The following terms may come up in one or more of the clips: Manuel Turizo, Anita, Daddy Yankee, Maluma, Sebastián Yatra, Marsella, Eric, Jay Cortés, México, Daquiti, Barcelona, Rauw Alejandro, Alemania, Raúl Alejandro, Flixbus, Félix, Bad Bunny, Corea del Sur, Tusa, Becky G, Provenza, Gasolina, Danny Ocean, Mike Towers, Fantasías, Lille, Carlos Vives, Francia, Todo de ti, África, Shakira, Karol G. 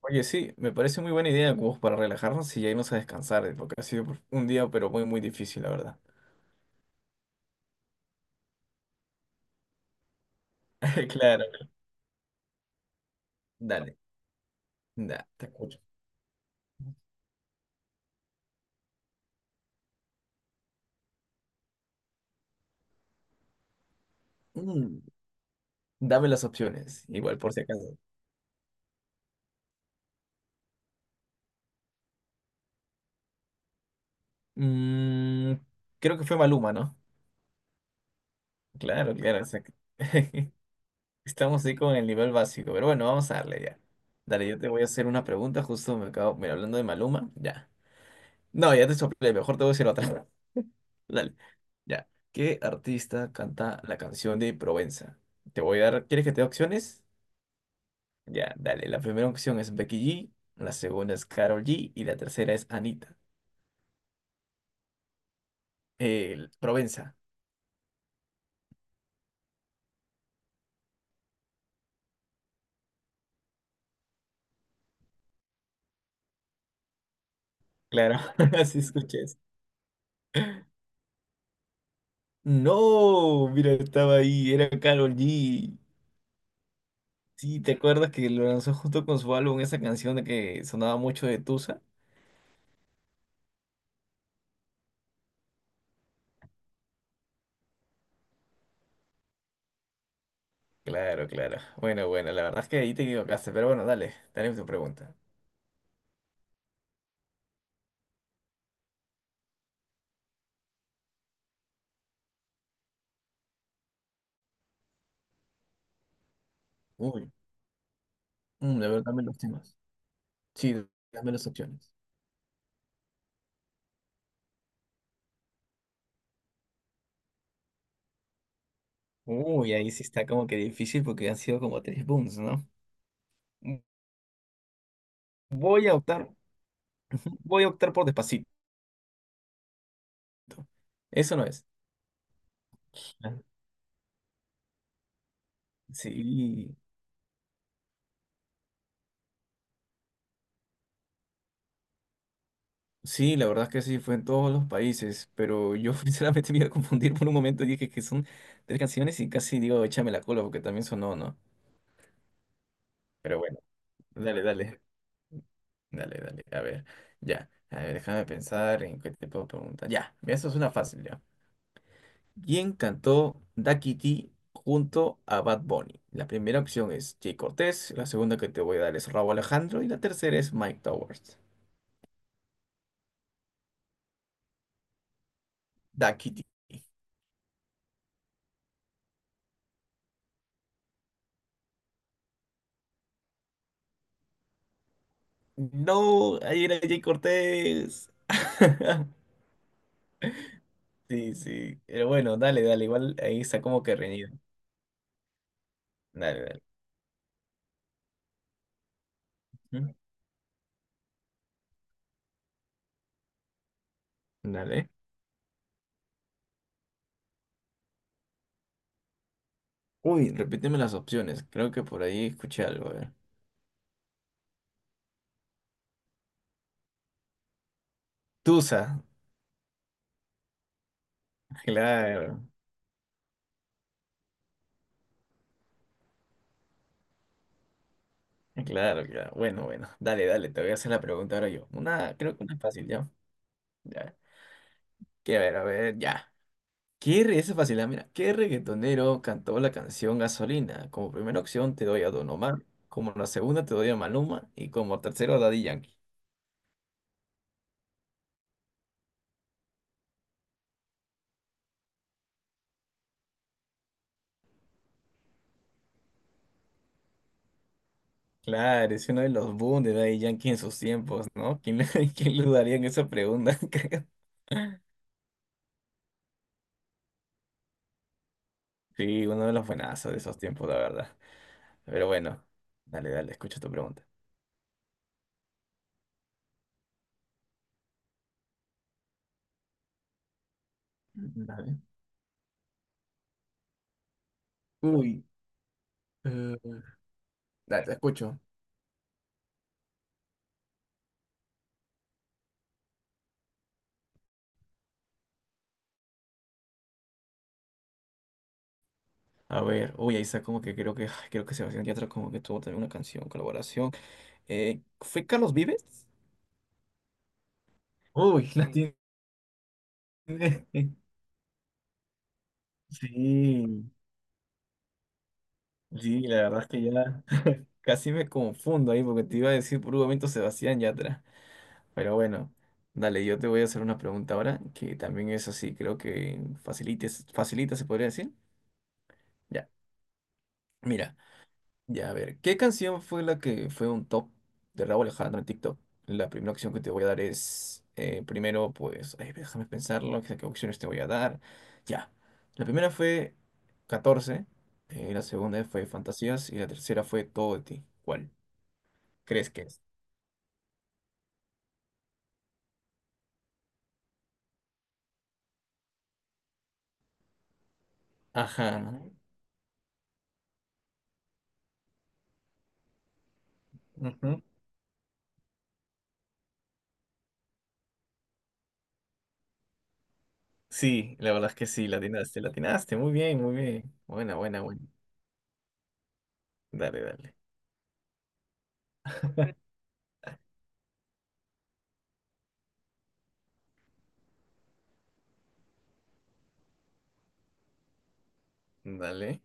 Oye, sí, me parece muy buena idea como para relajarnos y ya irnos a descansar, porque ha sido un día, pero muy difícil, la verdad. Claro, dale, da, te escucho. Mm, dame las opciones, igual por si acaso. Mm, Creo que fue Maluma, ¿no? Claro, claro, exacto. Estamos ahí con el nivel básico, pero bueno, vamos a darle ya. Dale, yo te voy a hacer una pregunta, justo me acabo, mira, hablando de Maluma, ya. No, ya te soplé, mejor te voy a decir otra. Dale. Ya. ¿Qué artista canta la canción de Provenza? Te voy a dar, ¿quieres que te dé opciones? Ya, dale. La primera opción es Becky G, la segunda es Karol G y la tercera es Anita. El- Provenza. Claro, así escuches. No, mira, estaba ahí, era Karol G. Sí, ¿te acuerdas que lo lanzó justo con su álbum esa canción de que sonaba mucho de Tusa? Claro, claro. Bueno, bueno, la verdad es que ahí te equivocaste, pero bueno, dale, dale tu pregunta. Uy, de verdad me los temas. Sí, dame las opciones. Uy, ahí sí está como que difícil porque han sido como tres booms, ¿no? Mm, Voy a optar, voy a optar por Despacito. Eso no es. Ah, Sí. Sí, sí, la verdad es que sí, fue en todos los países, pero yo sinceramente me iba a confundir por un momento y dije que son tres canciones y casi digo, échame la cola porque también sonó, ¿no? Pero bueno, dale, dale, dale, a ver, ya, a ver, déjame pensar en qué te puedo preguntar. Ya, mira, eso es una fácil, ya. ¿Quién cantó Daquiti junto a Bad Bunny? La primera opción es Jay Cortés, la segunda que te voy a dar es Rauw Alejandro y la tercera es Mike Towers. Daquiti. No, ahí era Jay Cortés. Sí, sí. Pero bueno, dale, dale. Igual ahí está como que reñido. Dale, dale. ¿Mm? Dale. Uy, repíteme las opciones. Creo que por ahí escuché algo. A ver. Tusa. Claro. Claro, claro. Bueno, bueno. Dale, dale. Te voy a hacer la pregunta ahora yo. Una, creo que una fácil, ¿ya? Ya. Que a ver, ya. ¿Qué re... Esa es fácil, ah, mira. ¿Qué reggaetonero cantó la canción Gasolina? Como primera opción te doy a Don Omar, como la segunda te doy a Maluma y como tercero a Daddy Yankee. Claro, es uno de los boom de Daddy Yankee en sus tiempos, ¿no? ¿Quién, le- quién le dudaría en esa pregunta? creo? Sí, uno de los buenazos de esos tiempos, la verdad. Pero bueno, dale, dale, escucho tu pregunta. Dale. Uy, eh, dale, te escucho. A ver, uy, ahí está como que creo que, ay, creo que Sebastián Yatra como que tuvo también una canción, colaboración. ¿Fue Carlos Vives? Uy, la tiene. Sí, sí, la verdad es que ya casi me confundo ahí porque te iba a decir por un momento Sebastián Yatra. Pero bueno, dale, yo te voy a hacer una pregunta ahora que también es así, creo que facilita, facilita se podría decir. Ya, mira. Ya, a ver, ¿qué canción fue la que fue un top de Raúl Alejandro en TikTok? La primera opción que te voy a dar es, primero, pues, ay, déjame pensarlo, qué opciones te voy a dar. Ya, la primera fue 14, la segunda fue Fantasías y la tercera fue Todo de ti. ¿Cuál crees que es? Ajá. Ujú. Sí, la verdad es que sí, la atinaste, la atinaste. Muy bien, muy bien. Buena, buena, buena. Dale, dale, dale.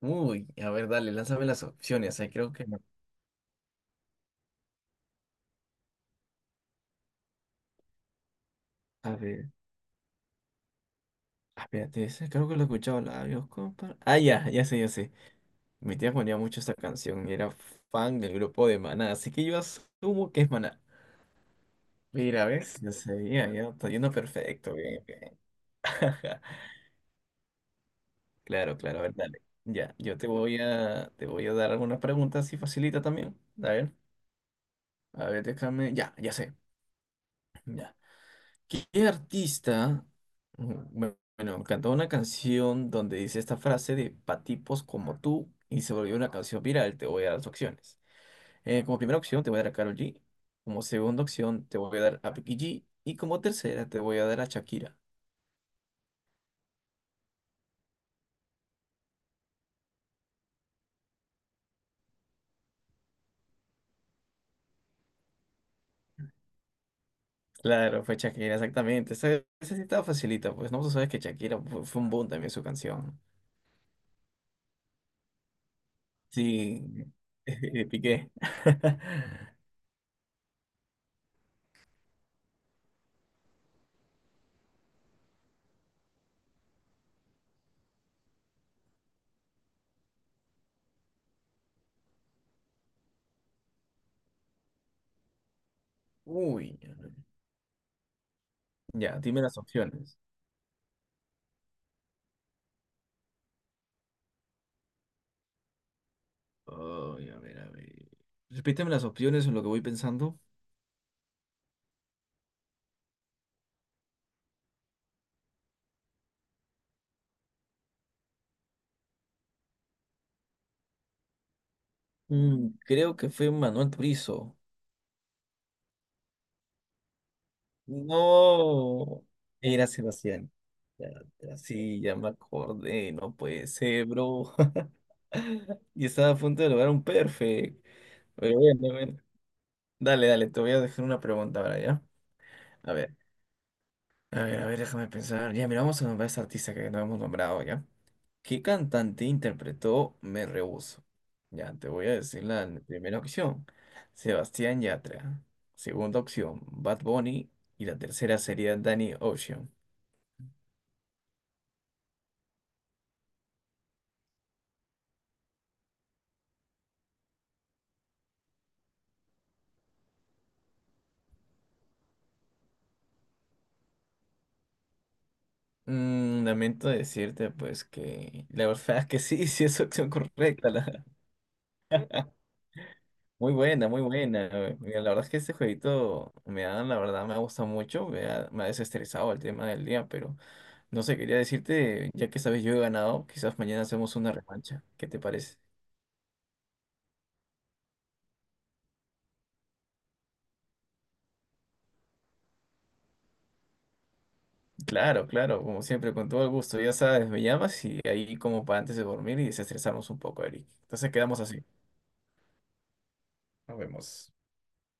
Uy, a ver, dale, lánzame las opciones. Ahí creo que... A ver. Ah, espérate, ese creo que lo he escuchado labios, compa. Ah, ya, ya sé, ya sé. Mi tía ponía mucho esta canción y era fan del grupo de Maná, así que yo asumo que es Maná. Mira, ¿ves? Yo sabía, ya está yendo perfecto, bien, bien. Ajá. Claro, claro, a ver, dale. Ya, yo te voy a dar algunas preguntas así facilita también. A ver, déjame. Ya, ya sé. Ya. ¿Qué artista, bu- bueno, cantó una canción donde dice esta frase de patipos como tú y se volvió una canción viral? Te voy a dar las opciones. Como primera opción te voy a dar a Karol G, como segunda opción te voy a dar a Becky G y como tercera te voy a dar a Shakira. Claro, fue Shakira, exactamente. Esa sí estaba facilita, pues no tú sabes que Shakira fue, fue un boom también su canción. Sí, Piqué. Uy, ya, dime las opciones. Ay, a ver, a ver. Repíteme las opciones en lo que voy pensando. Creo que fue Manuel Turizo. No, era Sebastián. Ya, ya, sí, ya me acordé. No puede ser, bro. Y estaba a punto de lograr un perfect. Pero bueno, a ver. Dale, dale, te voy a dejar una pregunta ahora, ¿ya? A ver. A ver, a ver, déjame pensar. Ya, mira, vamos a nombrar a esta artista que no hemos nombrado, ¿ya? ¿Qué cantante interpretó Me Rehuso? Ya, te voy a decir la primera opción. Sebastián Yatra. Segunda opción, Bad Bunny. Y la tercera sería Danny Ocean. Mm, lamento decirte, pues, que la verdad es que sí, sí es opción correcta. La muy buena, muy buena. Mira, la verdad es que este jueguito me ha, la verdad, me ha gustado mucho, me ha desestresado el tema del día, pero no sé, quería decirte, ya que sabes yo he ganado, quizás mañana hacemos una revancha. ¿Qué te parece? Claro, claro, como siempre, con todo el gusto, ya sabes, me llamas y ahí como para antes de dormir y desestresarnos un poco, Eric. Entonces quedamos así. Nos vemos.